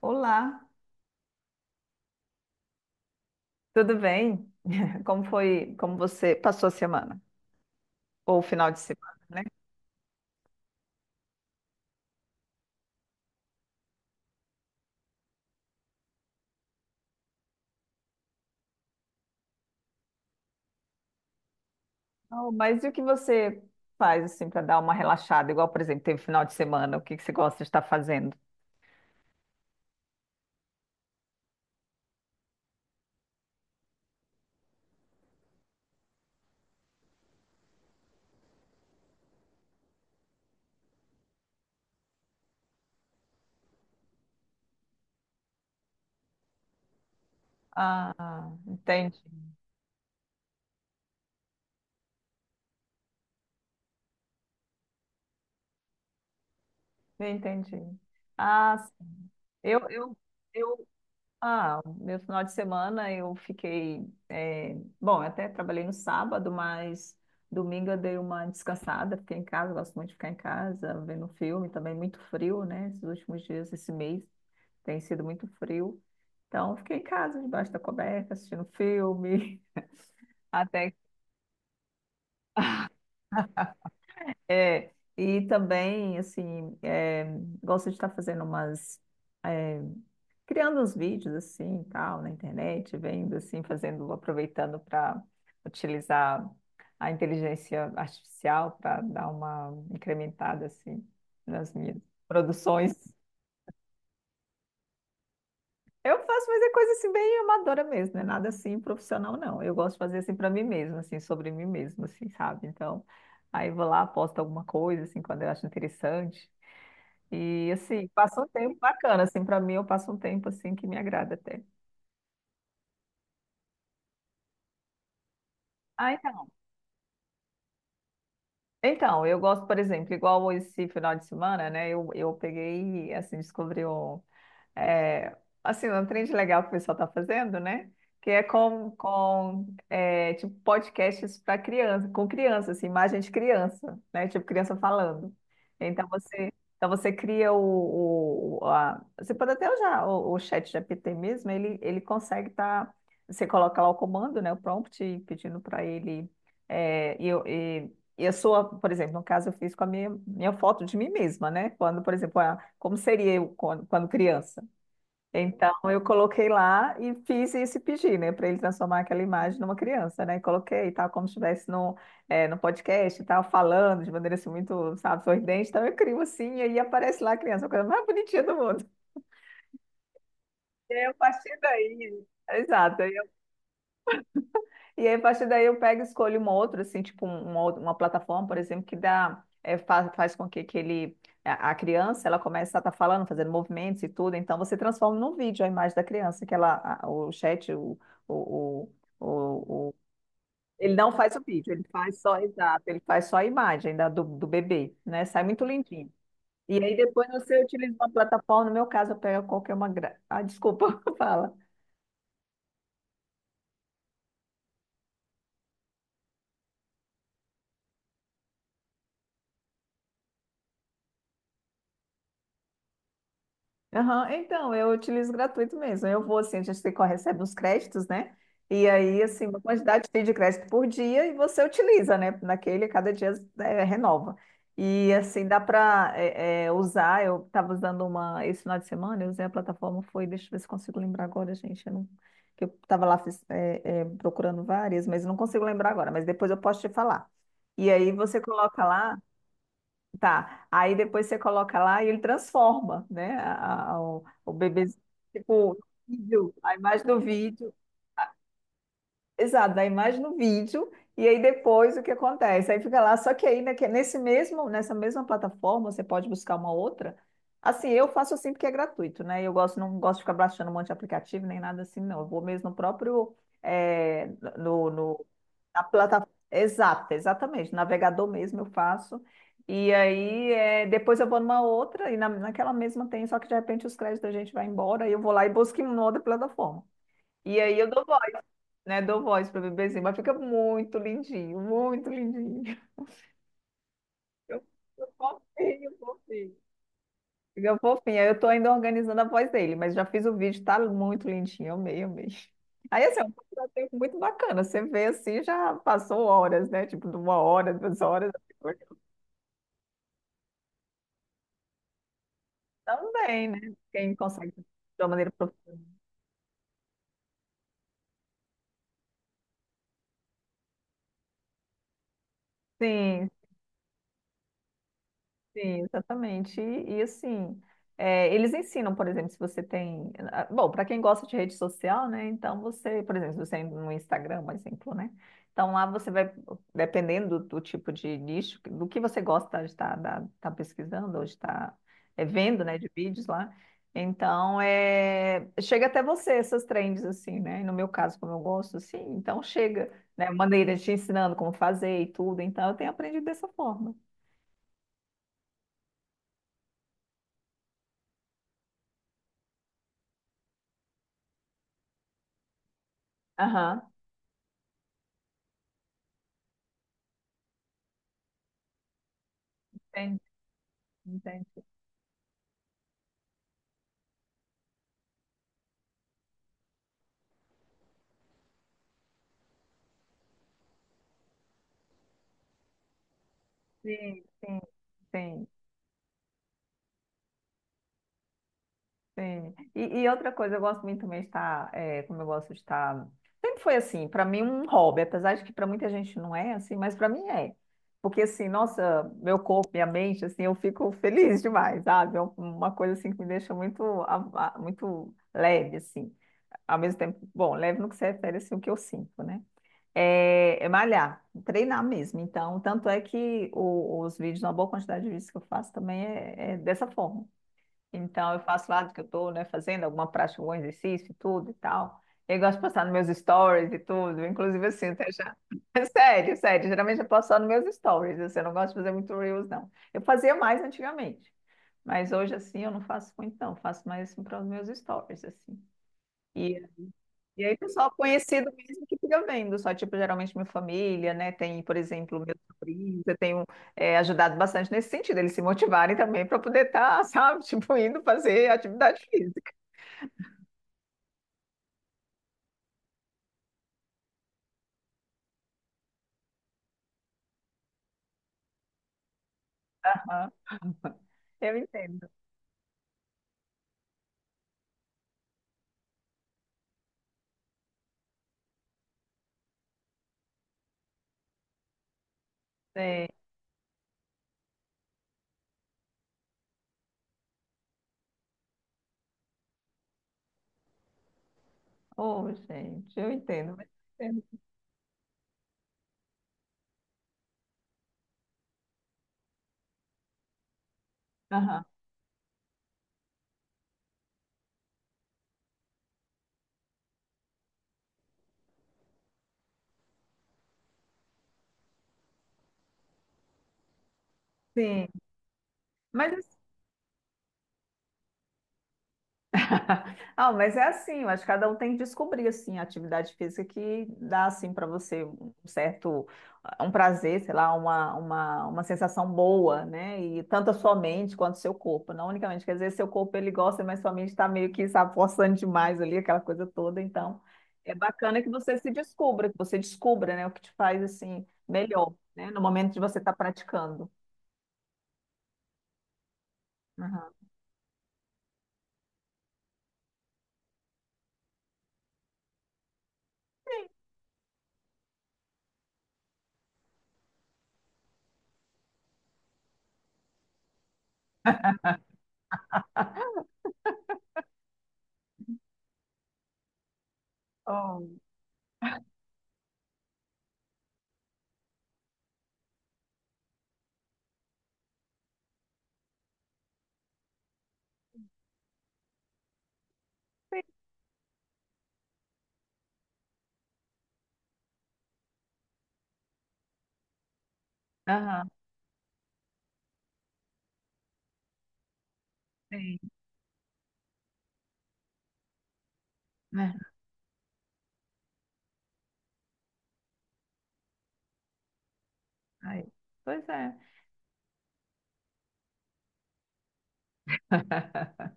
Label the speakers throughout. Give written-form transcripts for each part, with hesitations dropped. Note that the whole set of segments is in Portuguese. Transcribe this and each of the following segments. Speaker 1: Olá, tudo bem? Como foi, como você passou a semana? Ou o final de semana, né? Oh, mas e o que você faz assim para dar uma relaxada? Igual, por exemplo, teve final de semana, o que que você gosta de estar fazendo? Ah, entendi, entendi. Ah, sim. eu, eu, eu, Ah, meu final de semana eu fiquei. Bom, eu até trabalhei no sábado, mas domingo eu dei uma descansada, fiquei em casa, gosto muito de ficar em casa, vendo um filme, também muito frio, né? Esses últimos dias, esse mês, tem sido muito frio. Então, fiquei em casa, debaixo da coberta, assistindo filme, até é, e também, assim, gosto de estar fazendo umas, é, criando uns vídeos, assim, e tal, na internet, vendo, assim, fazendo, aproveitando para utilizar a inteligência artificial para dar uma incrementada, assim, nas minhas produções. Eu faço, mas é coisa, assim, bem amadora mesmo, não é nada, assim, profissional, não. Eu gosto de fazer, assim, para mim mesma, assim, sobre mim mesma, assim, sabe? Então, aí eu vou lá, posto alguma coisa, assim, quando eu acho interessante. E assim, passa um tempo bacana, assim, para mim eu passo um tempo assim que me agrada até. Ah, então. Então, eu gosto, por exemplo, igual esse final de semana, né? Eu peguei, assim, descobri um. é, assim, um trend legal que o pessoal está fazendo, né? Que é com, tipo, podcasts para criança, com criança, assim, imagem de criança, né? Tipo, criança falando. Então você cria o... você pode até usar o chat GPT mesmo, ele consegue estar... você coloca lá o comando, né? O prompt, pedindo para ele... é, e, eu- e, e a sua, por exemplo, no caso, eu fiz com a minha foto de mim mesma, né? Quando, por exemplo, a como seria eu quando, quando criança. Então eu coloquei lá e fiz esse pedir, né, para ele transformar aquela imagem numa criança, né? E coloquei e tal, como se estivesse no, no podcast e tal, falando de maneira assim muito, sabe, sorridente. Então eu crio assim e aí aparece lá a criança, a coisa mais bonitinha do mundo. E aí, a partir daí, exato. E aí, a partir daí, eu pego e escolho uma outra, assim, tipo um, uma, uma plataforma, por exemplo, que dá, é, faz, faz com que ele, a criança, ela comece a estar falando, fazendo movimentos e tudo. Então, você transforma num vídeo a imagem da criança, que ela, o chat, o, o, o- o- ele não faz o vídeo, ele faz só, exato, ele faz só a imagem da, do, do bebê, né? Sai muito lindinho. E aí, depois, você utiliza uma plataforma, no meu caso, eu pego qualquer uma... Gra... Ah, desculpa, fala. Aham. Então, eu utilizo gratuito mesmo. Eu vou assim, a gente tem que recebe uns créditos, né? E aí, assim, uma quantidade de crédito por dia e você utiliza, né? Naquele, cada dia renova. E assim, dá para usar. Eu estava usando uma esse final de semana, eu usei a plataforma, foi, deixa eu ver se consigo lembrar agora, gente. Eu não, que eu estava lá procurando várias, mas não consigo lembrar agora, mas depois eu posso te falar. E aí você coloca lá. Tá. Aí depois você coloca lá e ele transforma, né? O bebê tipo, vídeo, a imagem do vídeo. Exato, da imagem no vídeo. E aí depois o que acontece? Aí fica lá. Só que aí né, que nessa mesma plataforma, você pode buscar uma outra. Assim, eu faço assim porque é gratuito, né? Eu gosto, não gosto de ficar baixando um monte de aplicativo nem nada assim, não. Eu vou mesmo no próprio, eh, no, no na plataforma. Exato, exatamente. Navegador mesmo eu faço. E aí, é, depois eu vou numa outra e naquela mesma tem, só que de repente os créditos da gente vai embora e eu vou lá e busco em uma outra plataforma. E aí eu dou voz, né? Dou voz para o bebezinho, mas fica muito lindinho, muito lindinho. Eu, eu confio, confio. Fica fofinha. Eu tô ainda organizando a voz dele, mas já fiz o vídeo, tá muito lindinho. Amei, amei. Aí, assim, é um passatempo muito bacana. Você vê assim, já passou horas, né? Tipo, de uma hora, duas horas. Também, né? Quem consegue de uma maneira profissional. Sim. Sim, exatamente. E, assim, é, eles ensinam, por exemplo, se você tem. Ah, bom, para quem gosta de rede social, né? Então você, por exemplo, se você é no Instagram, por exemplo, né? Então lá você vai, dependendo do tipo de nicho, do que você gosta de estar tá pesquisando ou de estar vendo, né, de vídeos lá. Então, é, chega até você essas trends, assim, né? E no meu caso, como eu gosto, assim, então chega, né? Maneira te ensinando como fazer e tudo. Então, eu tenho aprendido dessa forma. Aham. Entendi. Entendi. Sim, sim, sim, sim. E outra coisa, eu gosto muito também de estar, é, como eu gosto de estar. Sempre foi assim, para mim, um hobby, apesar de que para muita gente não é assim, mas para mim é. Porque assim, nossa, meu corpo, minha mente, assim, eu fico feliz demais, sabe? É uma coisa assim que me deixa muito, muito leve, assim. Ao mesmo tempo, bom, leve no que se refere, assim, o que eu sinto, né? É, é malhar, treinar mesmo. Então, tanto é que os vídeos, uma boa quantidade de vídeos que eu faço também é dessa forma. Então, eu faço lá do que eu estou, né, fazendo alguma prática, algum exercício e tudo e tal. Eu gosto de postar nos meus stories e tudo. Inclusive, assim, até já. É sério, sério. Geralmente eu posto só nos meus stories. Assim, eu não gosto de fazer muito reels, não. Eu fazia mais antigamente. Mas hoje, assim, eu não faço muito, não. Eu faço mais assim, para os meus stories, assim. E e aí, pessoal conhecido mesmo que fica vendo, só tipo, geralmente minha família, né? Tem, por exemplo, meu sobrinho, eu tenho ajudado bastante nesse sentido, eles se motivarem também para poder estar, sabe, tipo, indo fazer atividade física. Aham. Eu entendo. É. Oh, gente, eu entendo, mas eu entendo. Aham. Sim. Mas ah, mas é assim, eu acho que cada um tem que descobrir assim a atividade física que dá assim para você um certo um prazer, sei lá, uma sensação boa, né? E tanto a sua mente quanto o seu corpo, não unicamente, quer dizer, seu corpo ele gosta, mas sua mente está meio que sabe, forçando demais ali aquela coisa toda, então é bacana que você se descubra, que você descubra, né, o que te faz assim melhor, né, no momento de você estar praticando. Aham. Sim. Oh, sim. Aham, sim. É. Aí. Pois é.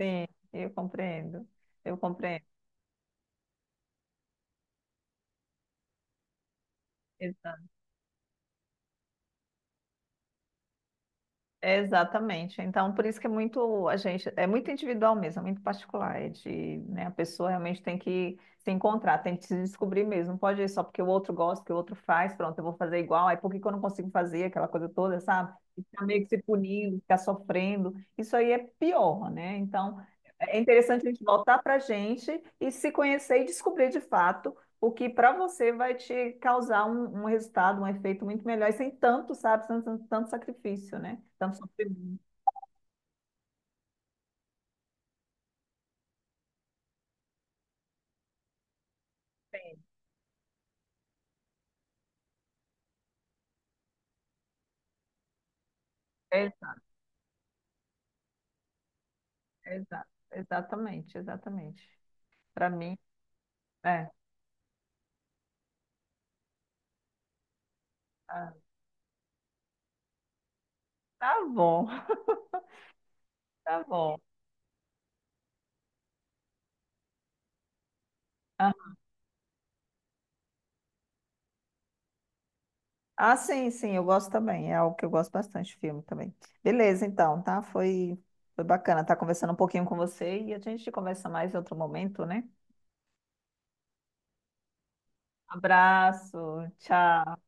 Speaker 1: Sim, eu compreendo. Eu compreendo. Exa- Exatamente. Então, por isso que é muito, a gente, é muito individual mesmo, é muito particular. É de, né, a pessoa realmente tem que se encontrar, tem que se descobrir mesmo. Não pode ir só porque o outro gosta, que o outro faz, pronto, eu vou fazer igual, aí por que que eu não consigo fazer aquela coisa toda, sabe? E ficar meio que se punindo, ficar sofrendo. Isso aí é pior, né? Então, é interessante a gente voltar para a gente e se conhecer e descobrir de fato o que para você vai te causar um, um resultado, um efeito muito melhor, e sem tanto, sabe, sem tanto, tanto sacrifício, né? Tanto sofrimento. Sim. Exa- exatamente, exatamente. Para mim, é. Ah, tá bom, tá bom. Ah, ah, sim, sim, eu gosto também. É algo que eu gosto bastante de filme também. Beleza, então, tá? Foi, foi bacana estar conversando um pouquinho com você e a gente conversa mais em outro momento, né? Abraço, tchau.